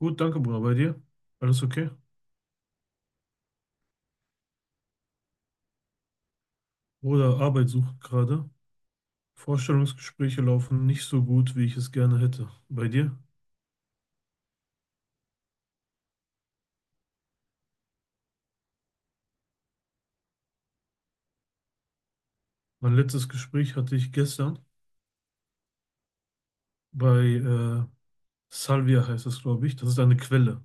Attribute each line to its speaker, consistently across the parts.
Speaker 1: Gut, danke, Bruder. Bei dir? Alles okay? Bruder, Arbeit sucht gerade. Vorstellungsgespräche laufen nicht so gut, wie ich es gerne hätte. Bei dir? Mein letztes Gespräch hatte ich gestern bei Salvia heißt es, glaube ich. Das ist eine Quelle.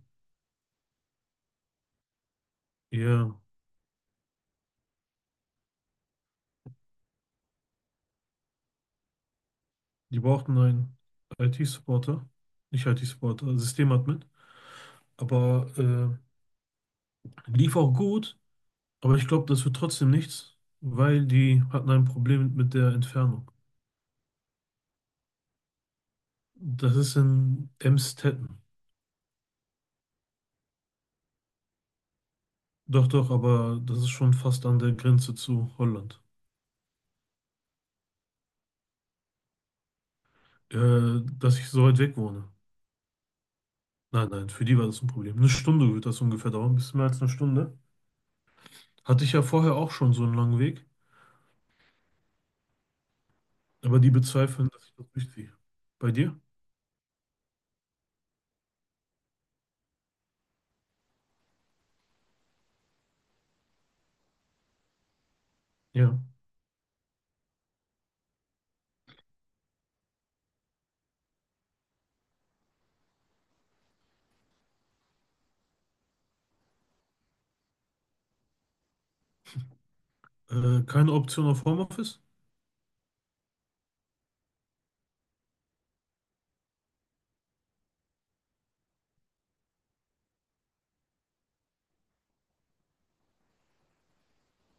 Speaker 1: Ja, die brauchten einen IT-Supporter. Nicht IT-Supporter, Systemadmin. Aber lief auch gut. Aber ich glaube, das wird trotzdem nichts, weil die hatten ein Problem mit der Entfernung. Das ist in Emstetten. Doch, doch, aber das ist schon fast an der Grenze zu Holland. Dass ich so weit weg wohne. Nein, nein, für die war das ein Problem. Eine Stunde wird das ungefähr dauern, ein bisschen mehr als eine Stunde. Hatte ich ja vorher auch schon so einen langen Weg, aber die bezweifeln, dass ich das durchziehe. Bei dir? Ja. Keine Option auf Homeoffice?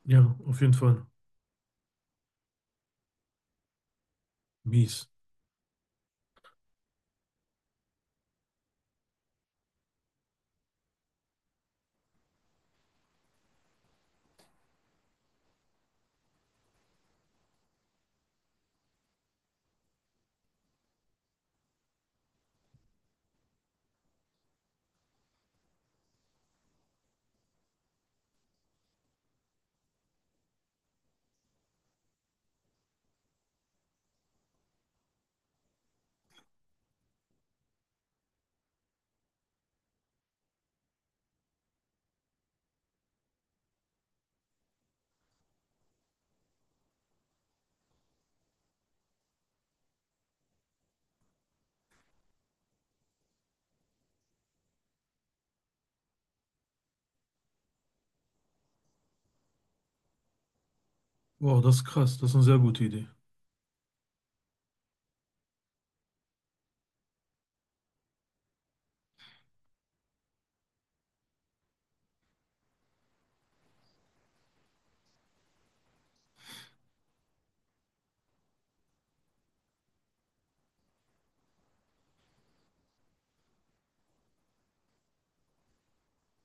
Speaker 1: Ja, auf jeden Fall. Mies. Wow, das ist krass, das ist eine sehr gute Idee.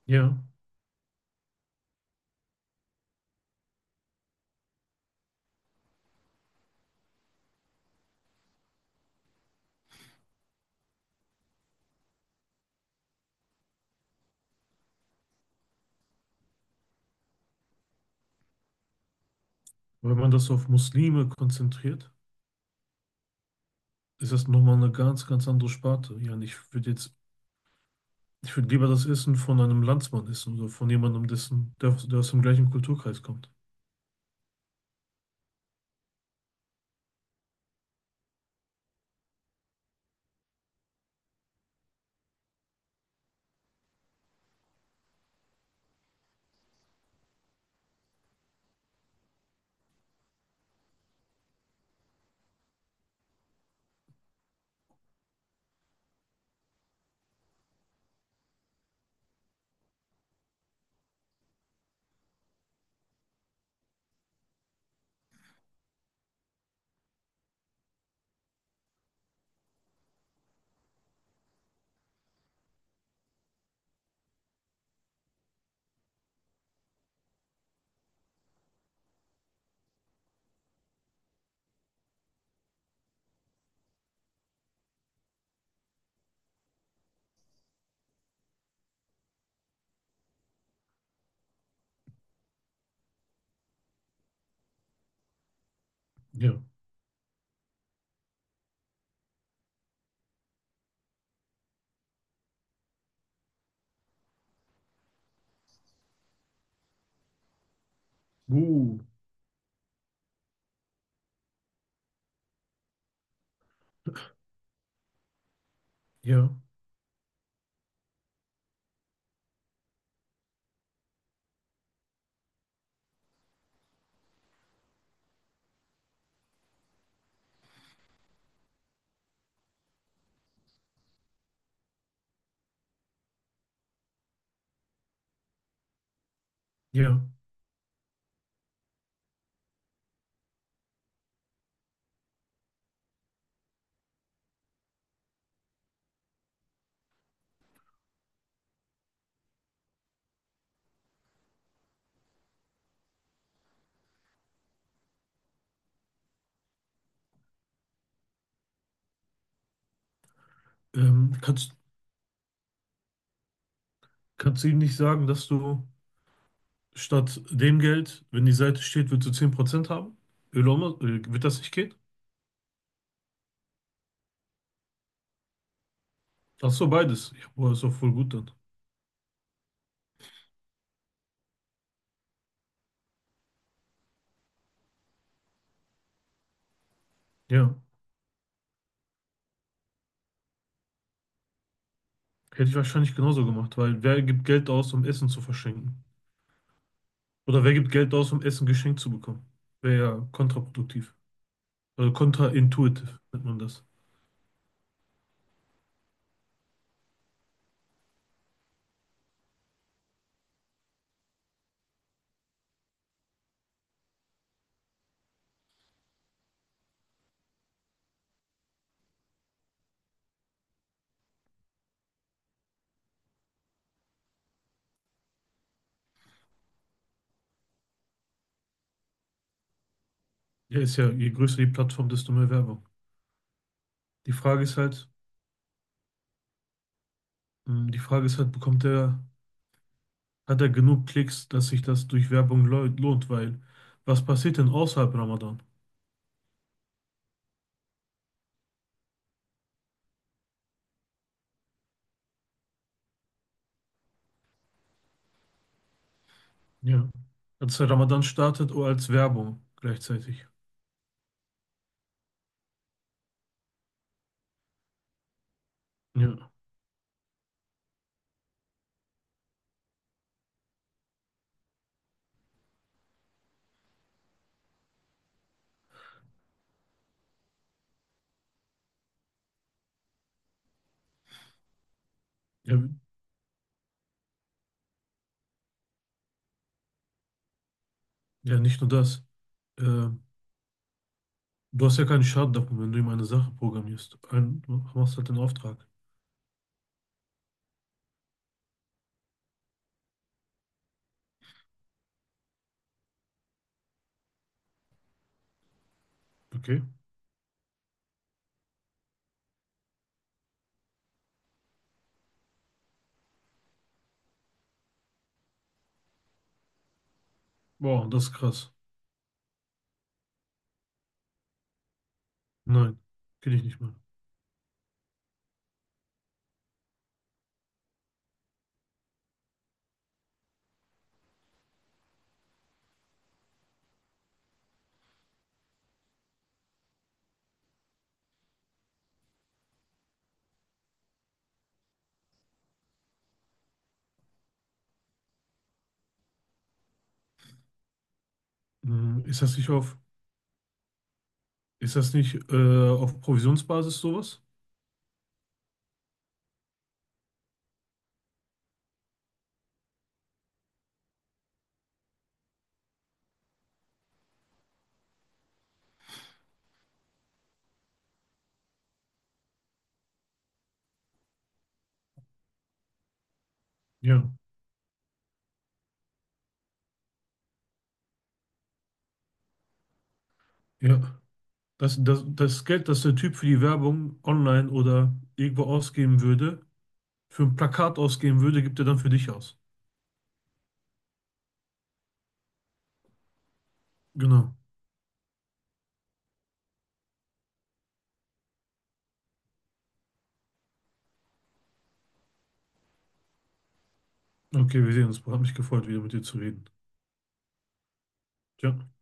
Speaker 1: Ja, weil man das auf Muslime konzentriert, ist das nochmal eine ganz, ganz andere Sparte. Ja, und ich würde jetzt. Ich würde lieber das Essen von einem Landsmann essen oder von jemandem, der aus dem gleichen Kulturkreis kommt. Ja. Uh, ja, ja. Ähm, kannst, Kannst du ihm nicht sagen, dass du statt dem Geld, wenn die Seite steht, würdest du 10% haben? Öloma, wird das nicht gehen? Ach so, beides. Ja, boah, ist doch voll gut dann. Ja, hätte ich wahrscheinlich genauso gemacht, weil wer gibt Geld aus, um Essen zu verschenken? Oder wer gibt Geld aus, um Essen geschenkt zu bekommen? Wäre ja kontraproduktiv. Also kontraintuitiv nennt man das. Ja, ist ja, je größer die Plattform, desto mehr Werbung. Die Frage ist halt, die Frage ist halt: hat er genug Klicks, dass sich das durch Werbung lo- lohnt? Weil, was passiert denn außerhalb Ramadan? Ja. Als der Ramadan startet oder als Werbung gleichzeitig. Ja. Ja, ja, nicht nur das. Äh, Du hast ja keinen Schaden davon, wenn du ihm eine Sache programmierst. Ein, du machst halt den Auftrag. Okay. Boah, das ist krass. Nein, kenne ich nicht mal. Mhm. Ist das nicht auf Provisionsbasis sowas? Ja, ja. Das Geld, das der Typ für die Werbung online oder irgendwo ausgeben würde, für ein Plakat ausgeben würde, gibt er dann für dich aus. Genau. Okay, wir sehen uns. Hat mich gefreut, wieder mit dir zu reden. Ciao.